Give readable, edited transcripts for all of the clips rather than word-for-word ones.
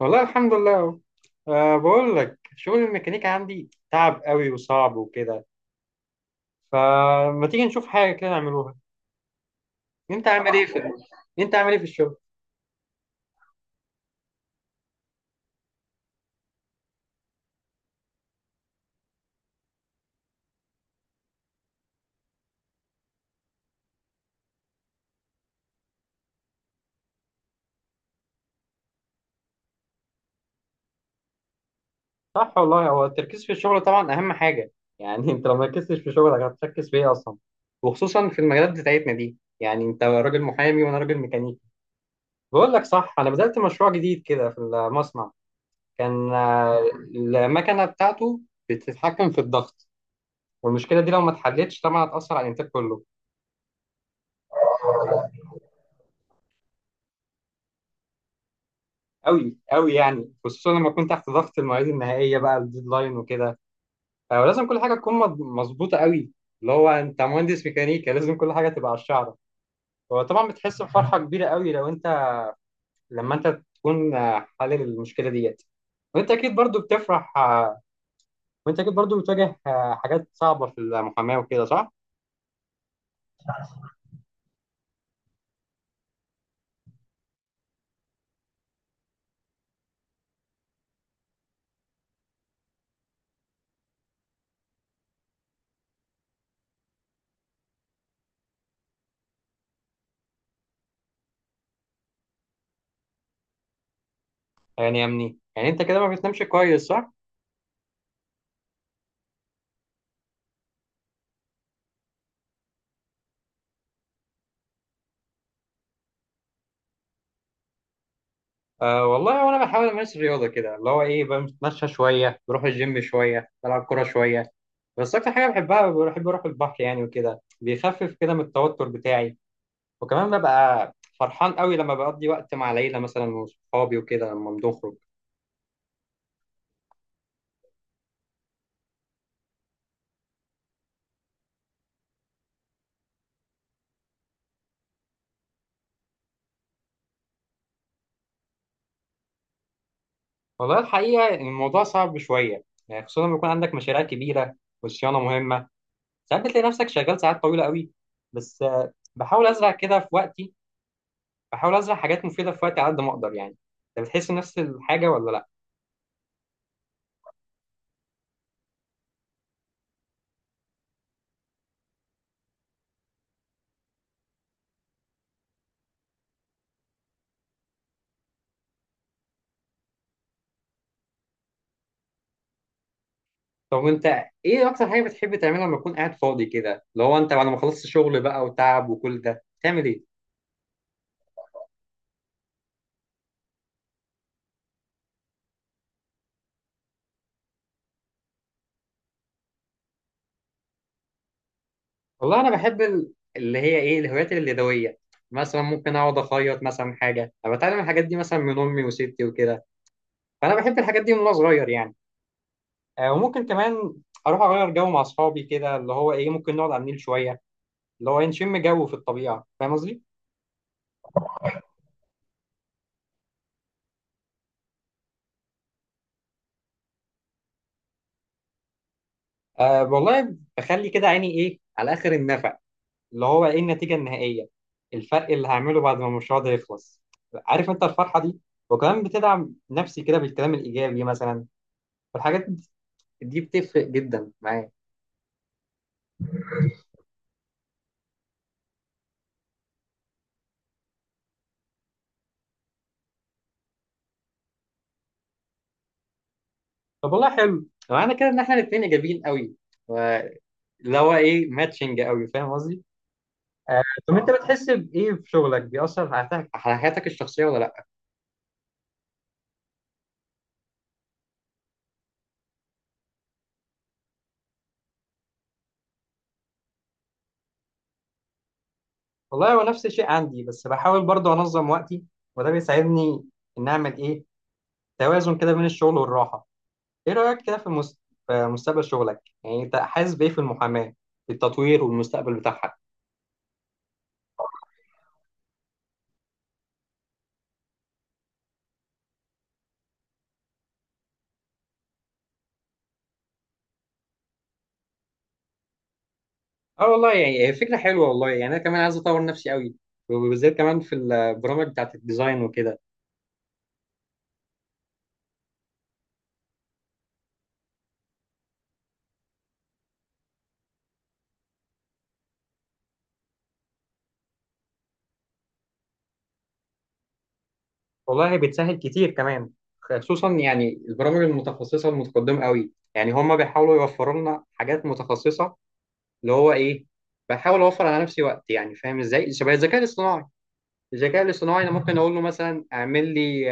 والله الحمد لله اهو. بقول لك شغل الميكانيكا عندي تعب قوي وصعب وكده. فما تيجي نشوف حاجه كده نعملوها. انت عامل ايه في ال- انت عامل ايه في الشغل؟ صح والله، هو التركيز في الشغل طبعا اهم حاجه. يعني انت لو ما ركزتش في شغلك هتركز في ايه اصلا؟ وخصوصا في المجالات بتاعتنا دي، يعني انت راجل محامي وانا راجل ميكانيكي. بقول لك صح، انا بدأت مشروع جديد كده في المصنع. كان المكنه بتاعته بتتحكم في الضغط. والمشكله دي لو ما اتحلتش طبعا هتأثر على الانتاج كله. قوي قوي، يعني خصوصا لما تكون تحت ضغط المواعيد النهائيه بقى، الديدلاين وكده. فلازم كل حاجه تكون مظبوطه قوي. اللي هو انت مهندس ميكانيكا، لازم كل حاجه تبقى على الشعره. هو طبعا بتحس بفرحه كبيره قوي لو انت لما انت تكون حلل المشكله ديت. وانت اكيد برضو بتفرح. وانت اكيد برضو بتواجه حاجات صعبه في المحاماه وكده، صح؟ يعني يا مني، يعني انت كده ما بتنامش كويس، صح؟ أه والله، وانا بحاول امارس الرياضه كده، اللي هو ايه، بتمشى شويه، بروح الجيم شويه، بلعب كوره شويه. بس اكتر حاجه بحبها، بحب اروح البحر يعني، وكده بيخفف كده من التوتر بتاعي. وكمان ببقى فرحان قوي لما بقضي وقت مع العيله مثلا وصحابي وكده لما بنخرج. والله الحقيقه إن الموضوع صعب شويه، يعني خصوصا لما يكون عندك مشاريع كبيره وصيانه مهمه. ساعات بتلاقي نفسك شغال ساعات طويله قوي. بس بحاول ازرع كده في وقتي. بحاول ازرع حاجات مفيده في وقتي على قد ما اقدر يعني. انت بتحس نفس الحاجه ولا لا؟ طب وانت، ايه اكتر حاجه بتحب تعملها لما تكون قاعد فاضي كده، اللي هو انت بعد ما خلصت شغل بقى وتعب وكل ده تعمل ايه؟ والله انا بحب اللي هي ايه، الهوايات اليدويه. مثلا ممكن اقعد اخيط مثلا حاجه. انا بتعلم الحاجات دي مثلا من امي وستي وكده. فانا بحب الحاجات دي من وانا صغير يعني. وممكن كمان اروح اغير جو مع اصحابي كده، اللي هو ايه، ممكن نقعد على النيل شويه، اللي هو إيه، نشم جو في الطبيعه، فاهم قصدي. أه والله، بخلي كده عيني ايه على اخر النفق، اللي هو ايه، النتيجه النهائيه، الفرق اللي هعمله بعد ما المشروع ده يخلص. عارف انت الفرحه دي؟ وكمان بتدعم نفسي كده بالكلام الايجابي مثلا، والحاجات دي بتفرق جدا معايا. طب والله، حلو، معنى كده ان احنا الاثنين ايجابيين قوي، اللي هو ايه ماتشنج قوي، فاهم قصدي. طب انت، بتحس بايه في شغلك بيأثر على حياتك الشخصيه ولا لا؟ والله هو نفس الشيء عندي، بس بحاول برضه انظم وقتي. وده بيساعدني ان اعمل ايه، توازن كده بين الشغل والراحه. ايه رأيك كده في في مستقبل شغلك، يعني انت حاسس بايه في المحاماة، في التطوير والمستقبل بتاعها؟ اه والله يعني، هي فكرة حلوة، والله يعني انا كمان عايز اطور نفسي قوي، وبالذات كمان في البرامج بتاعت الديزاين وكده. والله بتسهل كتير كمان، خصوصا يعني البرامج المتخصصة المتقدمة قوي، يعني هما بيحاولوا يوفروا لنا حاجات متخصصة. اللي هو ايه، بحاول اوفر على نفسي وقت، يعني فاهم ازاي، شبه الذكاء الاصطناعي. الذكاء الاصطناعي انا ممكن اقول له مثلا اعمل لي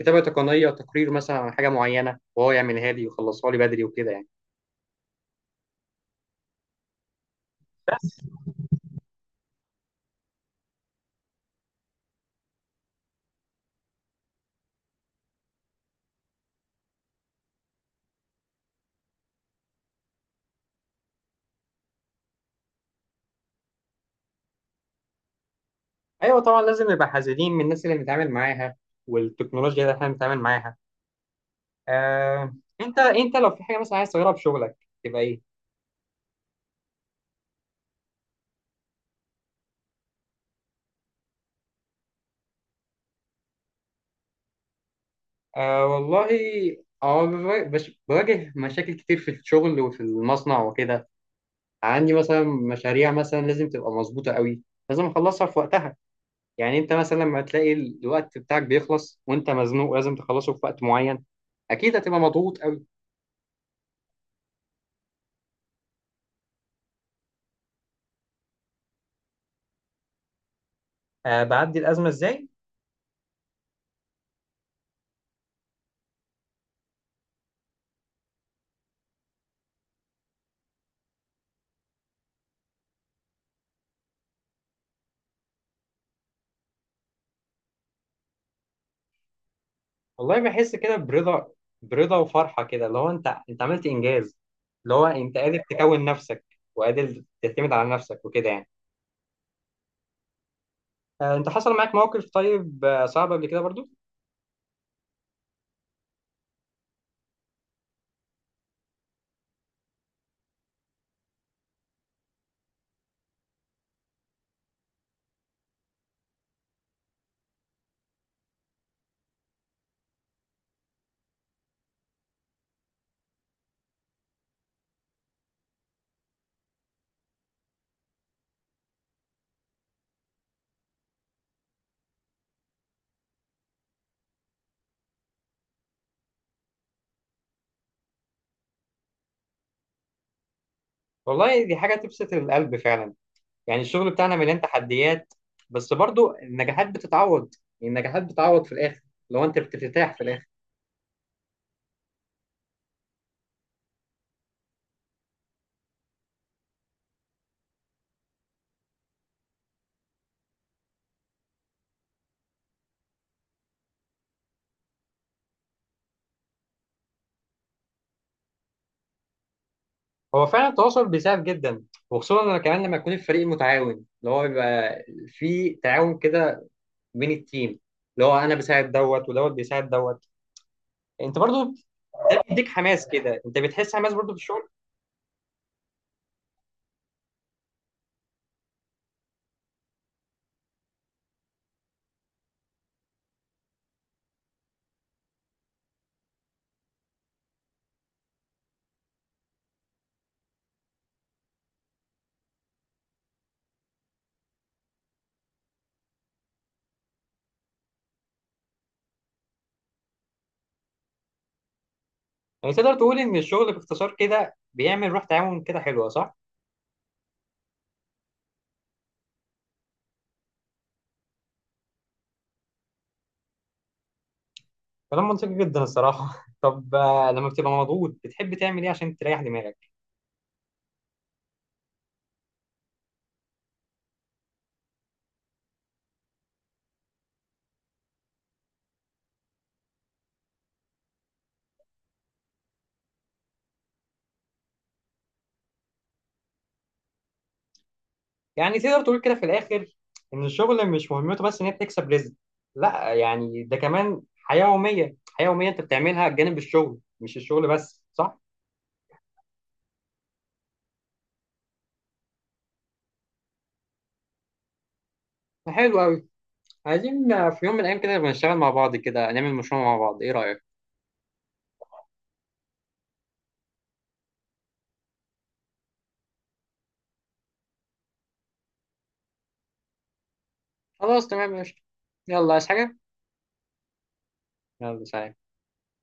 كتابة تقنية، تقرير مثلا عن حاجة معينة، وهو يعملها لي ويخلصها لي بدري وكده يعني. بس. أيوة طبعا، لازم نبقى حذرين من الناس اللي بنتعامل معاها، والتكنولوجيا اللي احنا بنتعامل معاها. آه، أنت لو في حاجة مثلا عايز تغيرها في شغلك، تبقى إيه؟ آه والله، اه بواجه بواجه مشاكل كتير في الشغل وفي المصنع وكده. عندي مثلا مشاريع مثلا لازم تبقى مظبوطة قوي، لازم اخلصها في وقتها. يعني انت مثلا لما تلاقي الوقت بتاعك بيخلص وانت مزنوق، لازم تخلصه في وقت معين، اكيد هتبقى مضغوط قوي. آه، بعدي الازمه ازاي. والله بحس كده برضا، برضا وفرحه كده، اللي هو انت عملت انجاز، اللي هو انت قادر تكون نفسك وقادر تعتمد على نفسك وكده يعني. آه، انت حصل معاك موقف طيب، صعب قبل كده برضو؟ والله دي حاجه تبسط القلب فعلا. يعني الشغل بتاعنا مليان تحديات، بس برضو النجاحات بتتعوض، النجاحات بتتعوض في الاخر لو انت بترتاح في الاخر. هو فعلا التواصل بيساعد جدا، وخصوصا لما كمان لما يكون الفريق متعاون، اللي هو بيبقى في تعاون كده بين التيم، اللي هو انا بساعد دوت ودوت بيساعد دوت، انت برضو. ده بيديك حماس كده، انت بتحس حماس برضو في الشغل. يعني تقدر تقول ان الشغل باختصار كده بيعمل روح تعاون كده حلوه، صح؟ كلام منطقي جدا الصراحه. طب لما بتبقى مضغوط بتحب تعمل ايه عشان تريح دماغك؟ يعني تقدر تقول كده في الاخر ان الشغل مش مهمته بس ان هي بتكسب رزق، لا، يعني ده كمان حياه يوميه، حياه يوميه انت بتعملها جانب الشغل، مش الشغل بس، صح؟ حلو قوي. عايزين في يوم من الأيام كده نبقى نشتغل مع بعض، كده نعمل مشروع مع بعض، إيه رأيك؟ خلاص تمام ماشي. يلا، عايز حاجة؟ يلا سلام.